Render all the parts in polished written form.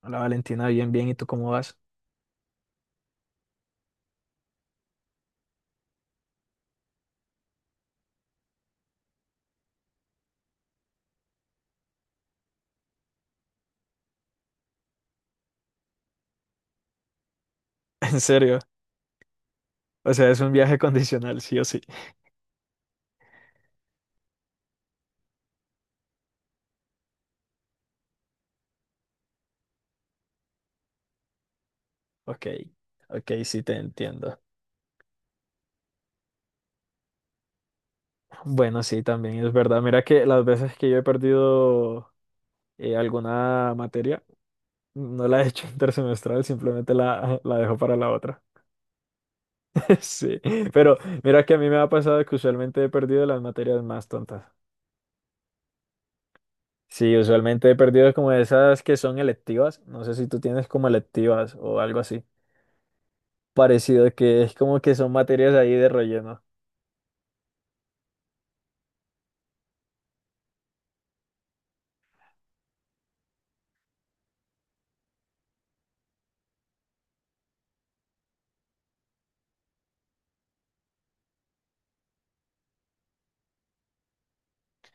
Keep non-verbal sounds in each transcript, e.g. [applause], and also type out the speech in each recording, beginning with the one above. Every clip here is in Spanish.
Hola Valentina, bien, bien. ¿Y tú cómo vas? [laughs] En serio. O sea, es un viaje condicional, sí o sí. Ok, ok, sí te entiendo. Bueno, sí, también es verdad. Mira que las veces que yo he perdido alguna materia, no la he hecho [laughs] intersemestral, simplemente la dejo para la otra. [laughs] Sí, pero mira que a mí me ha pasado que usualmente he perdido las materias más tontas. Sí, usualmente he perdido como esas que son electivas. No sé si tú tienes como electivas o algo así. Parecido, que es como que son materias ahí de relleno.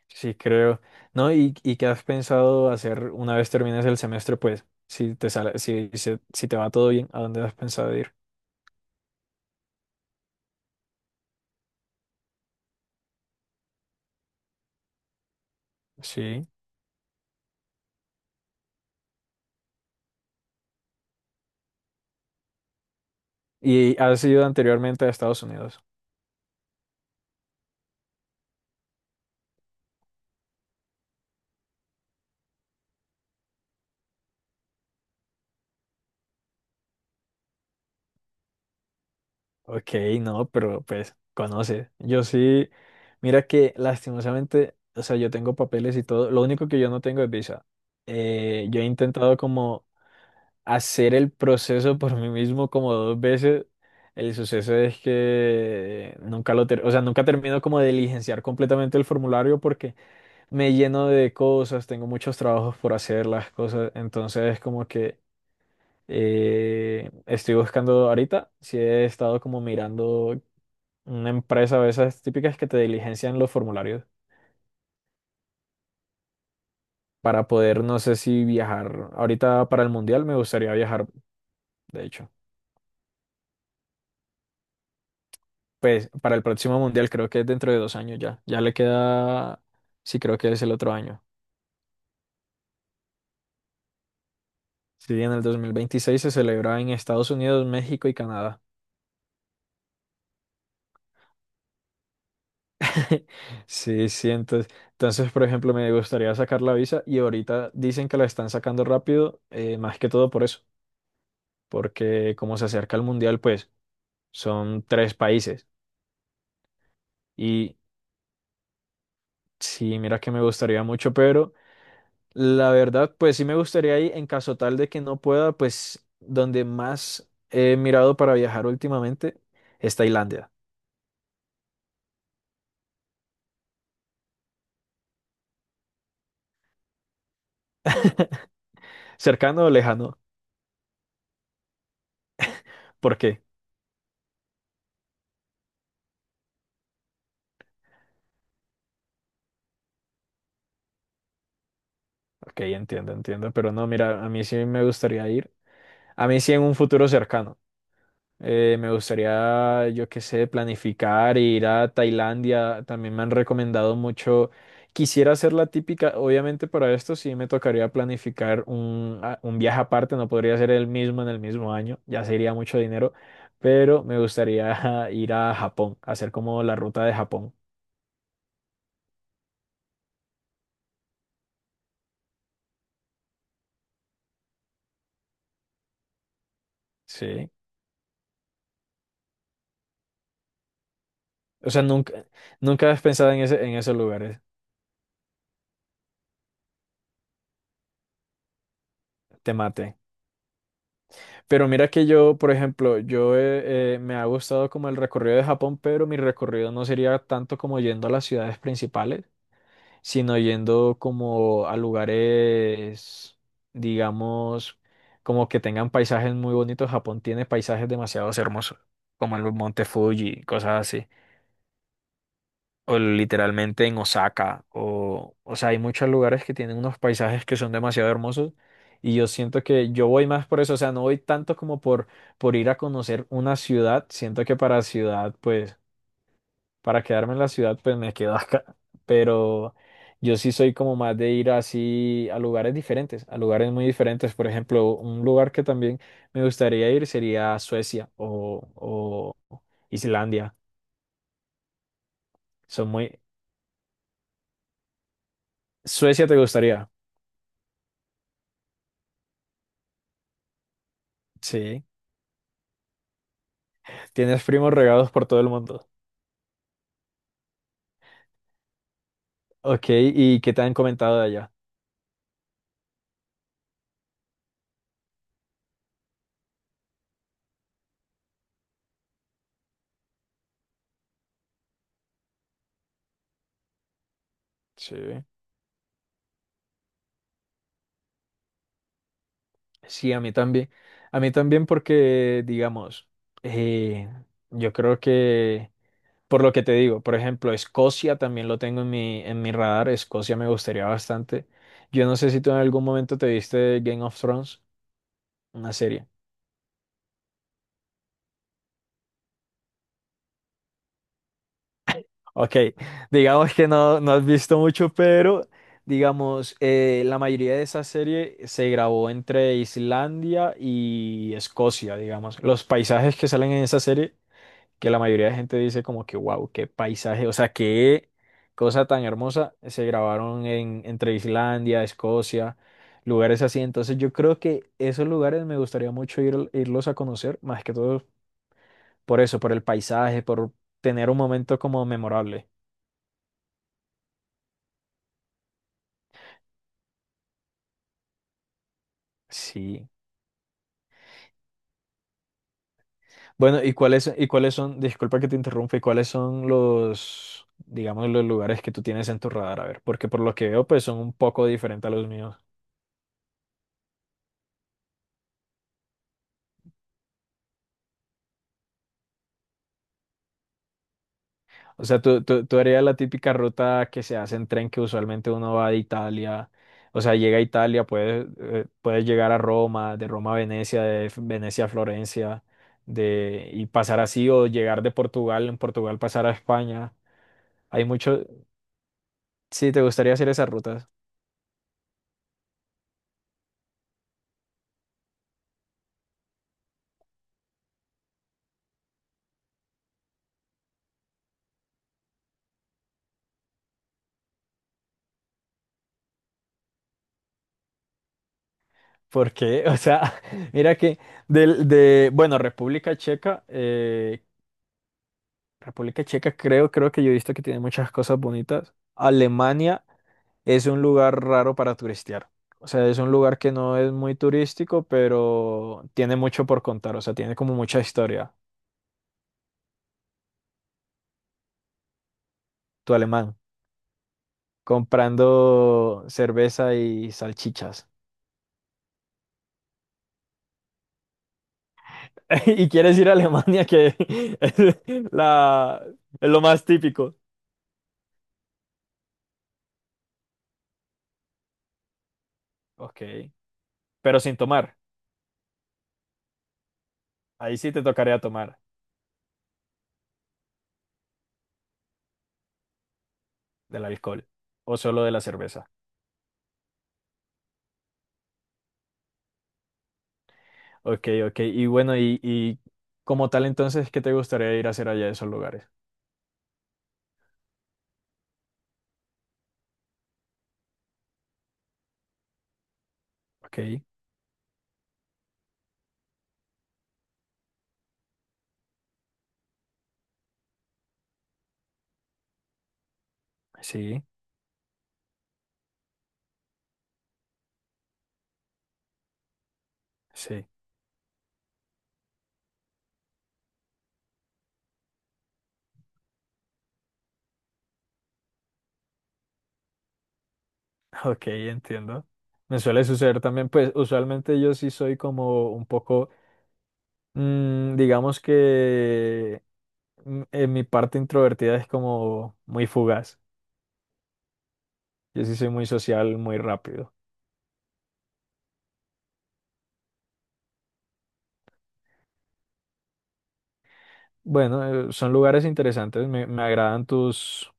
Sí, creo. ¿No? ¿Y qué has pensado hacer una vez termines el semestre? Pues, si te sale, si te va todo bien, ¿a dónde has pensado ir? Sí. ¿Y has ido anteriormente a Estados Unidos? Ok, no, pero pues conoce. Yo sí, mira que lastimosamente, o sea, yo tengo papeles y todo. Lo único que yo no tengo es visa. Yo he intentado como hacer el proceso por mí mismo como dos veces. El suceso es que nunca o sea, nunca termino como de diligenciar completamente el formulario porque me lleno de cosas, tengo muchos trabajos por hacer las cosas, entonces como que estoy buscando ahorita, si he estado como mirando una empresa de esas típicas que te diligencian los formularios para poder, no sé si viajar ahorita para el mundial, me gustaría viajar, de hecho. Pues para el próximo mundial creo que es dentro de 2 años ya. Ya le queda, sí creo que es el otro año. Sí, en el 2026 se celebra en Estados Unidos, México y Canadá. [laughs] Sí, sí, entonces, por ejemplo, me gustaría sacar la visa y ahorita dicen que la están sacando rápido, más que todo por eso, porque como se acerca el mundial, pues son tres países y sí, mira que me gustaría mucho, pero la verdad, pues sí me gustaría ir en caso tal de que no pueda, pues donde más he mirado para viajar últimamente es Tailandia. Cercano o lejano, ¿por qué? Ok, entiendo, entiendo, pero no, mira, a mí sí me gustaría ir, a mí sí en un futuro cercano. Me gustaría, yo qué sé, planificar, e ir a Tailandia. También me han recomendado mucho. Quisiera hacer la típica, obviamente para esto sí me tocaría planificar un viaje aparte, no podría ser el mismo en el mismo año, ya sería mucho dinero, pero me gustaría [laughs] ir a Japón, hacer como la ruta de Japón. Sí. O sea, nunca, nunca has pensado en ese, en esos lugares. Te mate. Pero mira que yo, por ejemplo, yo me ha gustado como el recorrido de Japón, pero mi recorrido no sería tanto como yendo a las ciudades principales, sino yendo como a lugares, digamos, como que tengan paisajes muy bonitos. Japón tiene paisajes demasiado hermosos, como el Monte Fuji, cosas así o literalmente en Osaka, o sea, hay muchos lugares que tienen unos paisajes que son demasiado hermosos y yo siento que yo voy más por eso, o sea, no voy tanto como por ir a conocer una ciudad, siento que para ciudad, pues, para quedarme en la ciudad, pues me quedo [laughs] acá, pero yo sí soy como más de ir así a lugares diferentes, a lugares muy diferentes, por ejemplo, un lugar que también me gustaría ir sería Suecia o Islandia, son muy. Suecia te gustaría, sí. Tienes primos regados por todo el mundo. Ok, ¿y qué te han comentado de allá? Sí. Sí, a mí también. A mí también porque, digamos, eh, yo creo que, por lo que te digo, por ejemplo, Escocia también lo tengo en mi radar. Escocia me gustaría bastante. Yo no sé si tú en algún momento te viste Game of Thrones, una serie. Ok, digamos que no has visto mucho, pero digamos, la mayoría de esa serie se grabó entre Islandia y Escocia, digamos. Los paisajes que salen en esa serie, que la mayoría de gente dice como que, wow, qué paisaje, o sea, qué cosa tan hermosa, se grabaron entre Islandia, Escocia, lugares así. Entonces yo creo que esos lugares me gustaría mucho ir, irlos a conocer, más que todo por eso, por el paisaje, por tener un momento como memorable. Sí. Bueno, ¿y cuáles son, disculpa que te interrumpa, y cuáles son los, digamos, los lugares que tú tienes en tu radar? A ver, porque por lo que veo, pues son un poco diferentes a los míos. O sea, tú harías la típica ruta que se hace en tren que usualmente uno va de Italia, o sea, llega a Italia, puedes llegar a Roma, de Roma a Venecia, Venecia a Florencia, y pasar así, o llegar de Portugal, en Portugal pasar a España. Hay mucho, sí, ¿te gustaría hacer esas rutas? ¿Por qué? O sea, [laughs] mira que bueno, República Checa, República Checa creo que yo he visto que tiene muchas cosas bonitas. Alemania es un lugar raro para turistear. O sea, es un lugar que no es muy turístico, pero tiene mucho por contar. O sea, tiene como mucha historia. Tu alemán, comprando cerveza y salchichas. [laughs] Y quieres ir a Alemania, que [laughs] es la, es lo más típico. Ok, pero sin tomar. Ahí sí te tocaría tomar del alcohol o solo de la cerveza. Ok, ok. Y bueno, y como tal entonces, ¿qué te gustaría ir a hacer allá a esos lugares? Ok, sí, sí. [laughs] Ok, entiendo. Me suele suceder también, pues usualmente yo sí soy como un poco, digamos que en mi parte introvertida es como muy fugaz. Yo sí soy muy social, muy rápido. Bueno, son lugares interesantes. Me agradan tus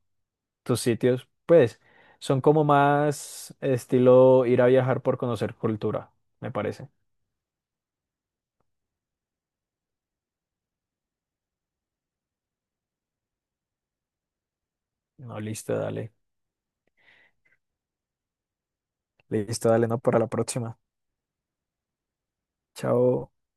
tus sitios, pues son como más estilo ir a viajar por conocer cultura, me parece. No, listo, dale. Listo, dale, no, para la próxima. Chao.